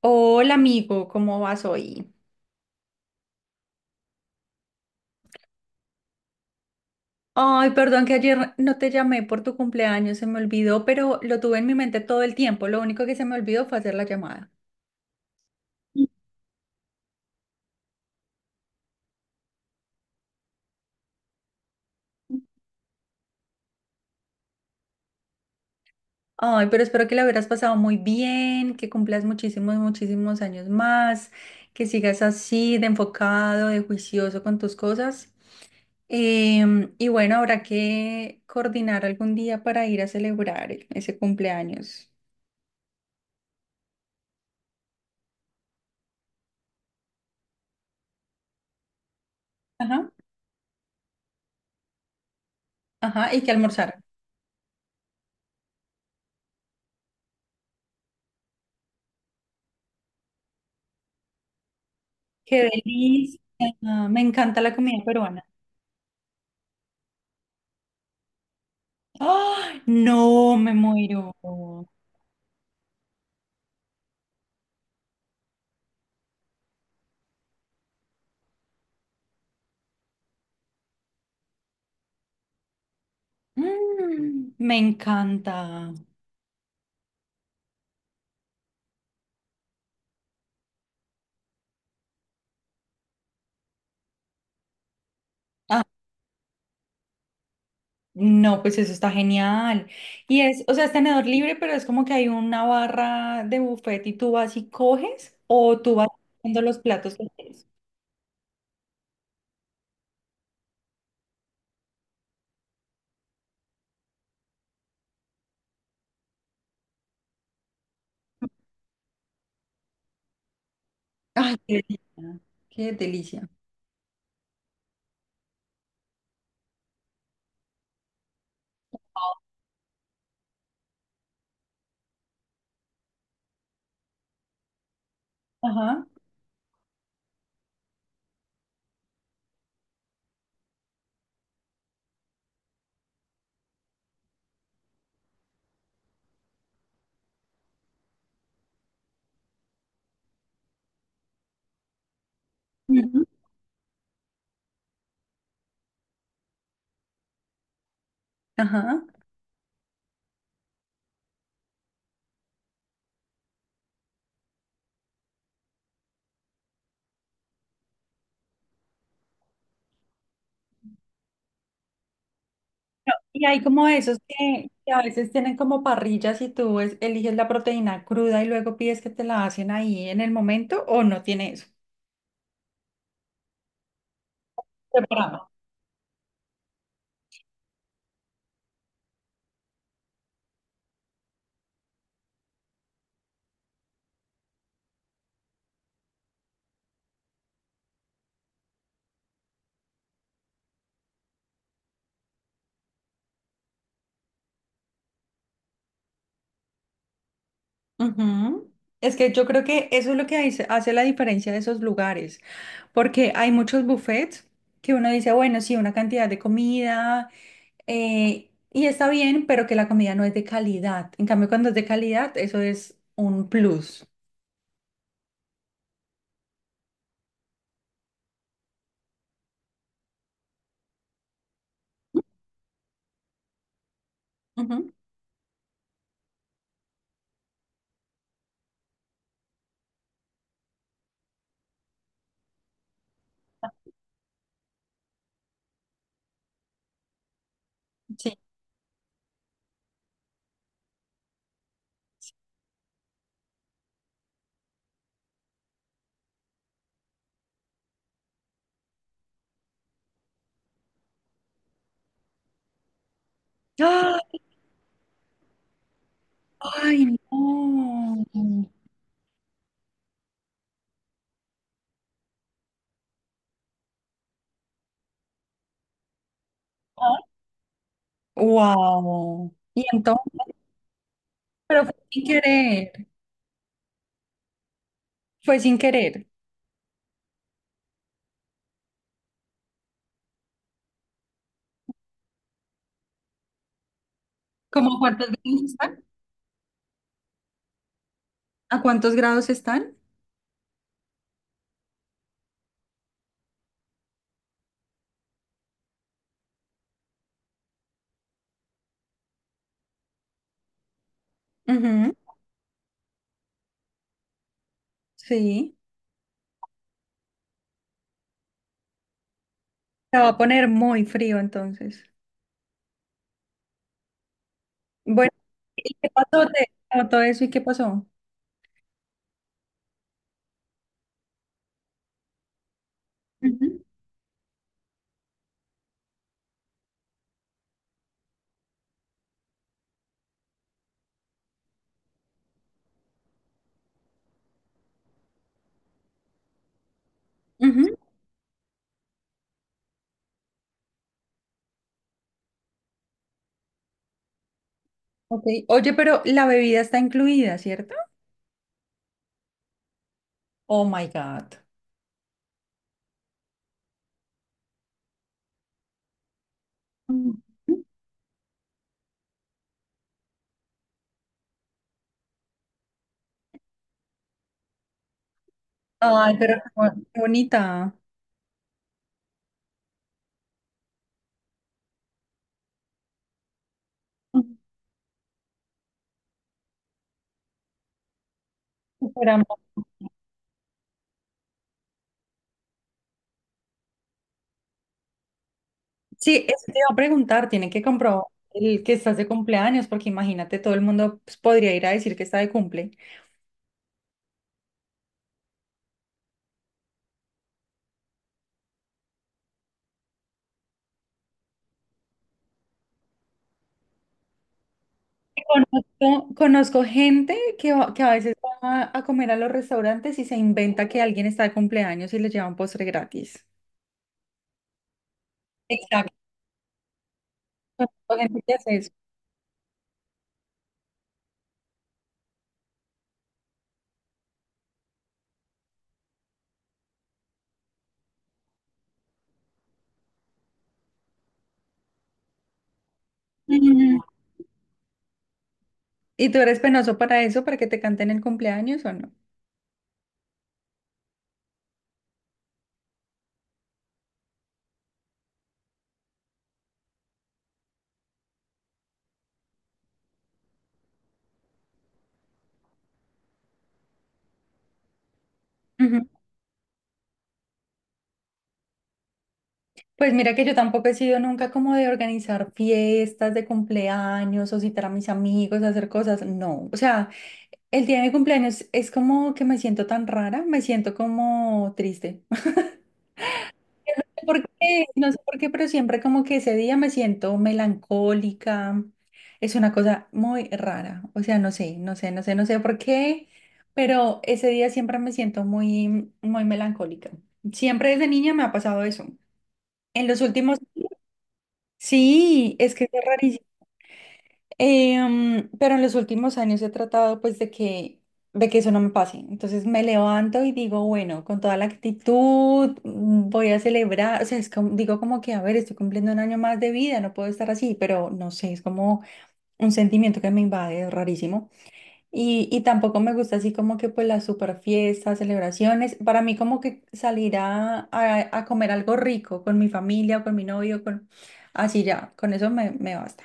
Hola amigo, ¿cómo vas hoy? Ay, perdón que ayer no te llamé por tu cumpleaños, se me olvidó, pero lo tuve en mi mente todo el tiempo. Lo único que se me olvidó fue hacer la llamada. Ay, pero espero que la hubieras pasado muy bien, que cumplas muchísimos, muchísimos años más, que sigas así de enfocado, de juicioso con tus cosas. Y bueno, habrá que coordinar algún día para ir a celebrar ese cumpleaños. Ajá, ajá, y que almorzar. Qué delicia. Me encanta la comida peruana. ¡Ah! No, me muero. Mm, me encanta. Ah, no, pues eso está genial. Y es, o sea, es tenedor libre, pero es como que hay una barra de buffet y tú vas y coges o tú vas viendo los platos que quieres. Ay, qué delicia. Qué delicia. Ajá. Ujú. Ajá. Y hay como esos que a veces tienen como parrillas y tú eliges la proteína cruda y luego pides que te la hacen ahí en el momento o no tiene eso. Separado. Ujú. Es que yo creo que eso es lo que hace la diferencia de esos lugares, porque hay muchos buffets que uno dice, bueno, sí, una cantidad de comida y está bien, pero que la comida no es de calidad. En cambio, cuando es de calidad, eso es un plus. Ujú. Sí. ¡Ah! ¡Ay, no! Wow. Y entonces, pero fue sin querer. Fue sin querer. ¿Cómo a cuántos grados están? ¿A cuántos grados están? Ujú, sí. Se va a poner muy frío entonces. Bueno, ¿y qué pasó? ¿Te notó eso y qué pasó? Ujú, ujú. Ok. Oye, pero la bebida está incluida, ¿cierto? Oh my God. Ujú. Ay, pero qué qué bonita. Ujú. Súper amable. Sí, eso te iba a preguntar, tiene que comprobar el que estás de cumpleaños, porque imagínate, todo el mundo pues, podría ir a decir que está de cumple. Conozco, conozco gente que a veces va a comer a los restaurantes y se inventa que alguien está de cumpleaños y les lleva un postre gratis. Exacto, conozco gente que hace eso. Ujú. ¿Y tú eres penoso para eso, para que te canten el cumpleaños o no? Pues mira que yo tampoco he sido nunca como de organizar fiestas de cumpleaños o citar a mis amigos a hacer cosas, no. O sea, el día de mi cumpleaños es como que me siento tan rara, me siento como triste. Porque no sé por qué, pero siempre como que ese día me siento melancólica. Es una cosa muy rara. O sea, no sé, no sé, no sé, no sé por qué, pero ese día siempre me siento muy, muy melancólica. Siempre desde niña me ha pasado eso. En los últimos... Sí, es que es rarísimo. Pero en los últimos años he tratado pues de que eso no me pase. Entonces me levanto y digo, bueno, con toda la actitud voy a celebrar. O sea, es como, digo como que, a ver, estoy cumpliendo un año más de vida, no puedo estar así, pero no sé, es como un sentimiento que me invade, es rarísimo. Y tampoco me gusta así como que pues las super fiestas, celebraciones. Para mí como que a comer algo rico con mi familia o con mi novio, con así ya, con eso me basta.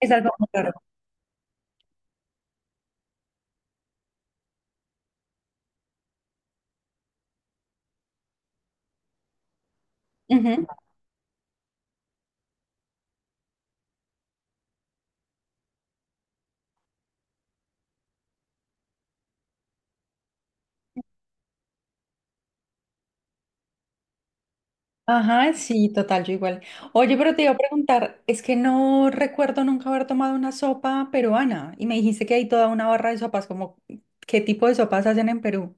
Es algo muy raro. Ujú. Ajá, sí, total, yo igual. Oye, pero te iba a preguntar, es que no recuerdo nunca haber tomado una sopa peruana y me dijiste que hay toda una barra de sopas, como, ¿qué tipo de sopas hacen en Perú?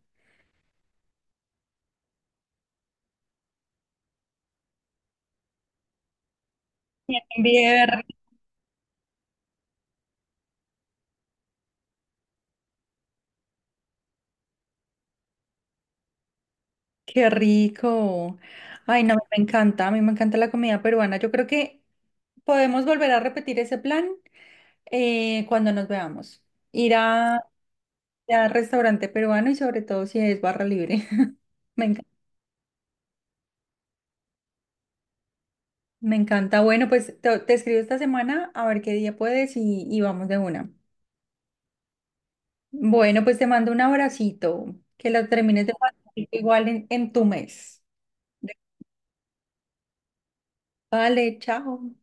Bien, qué rico. Ay, no, me encanta, a mí me encanta la comida peruana. Yo creo que podemos volver a repetir ese plan cuando nos veamos. Ir a, ir a restaurante peruano y sobre todo si es barra libre. Me encanta, me encanta. Bueno, pues te escribo esta semana a ver qué día puedes y vamos de una. Bueno, pues te mando un abracito. Que lo termines de pasar igual en tu mes. Vale, chao.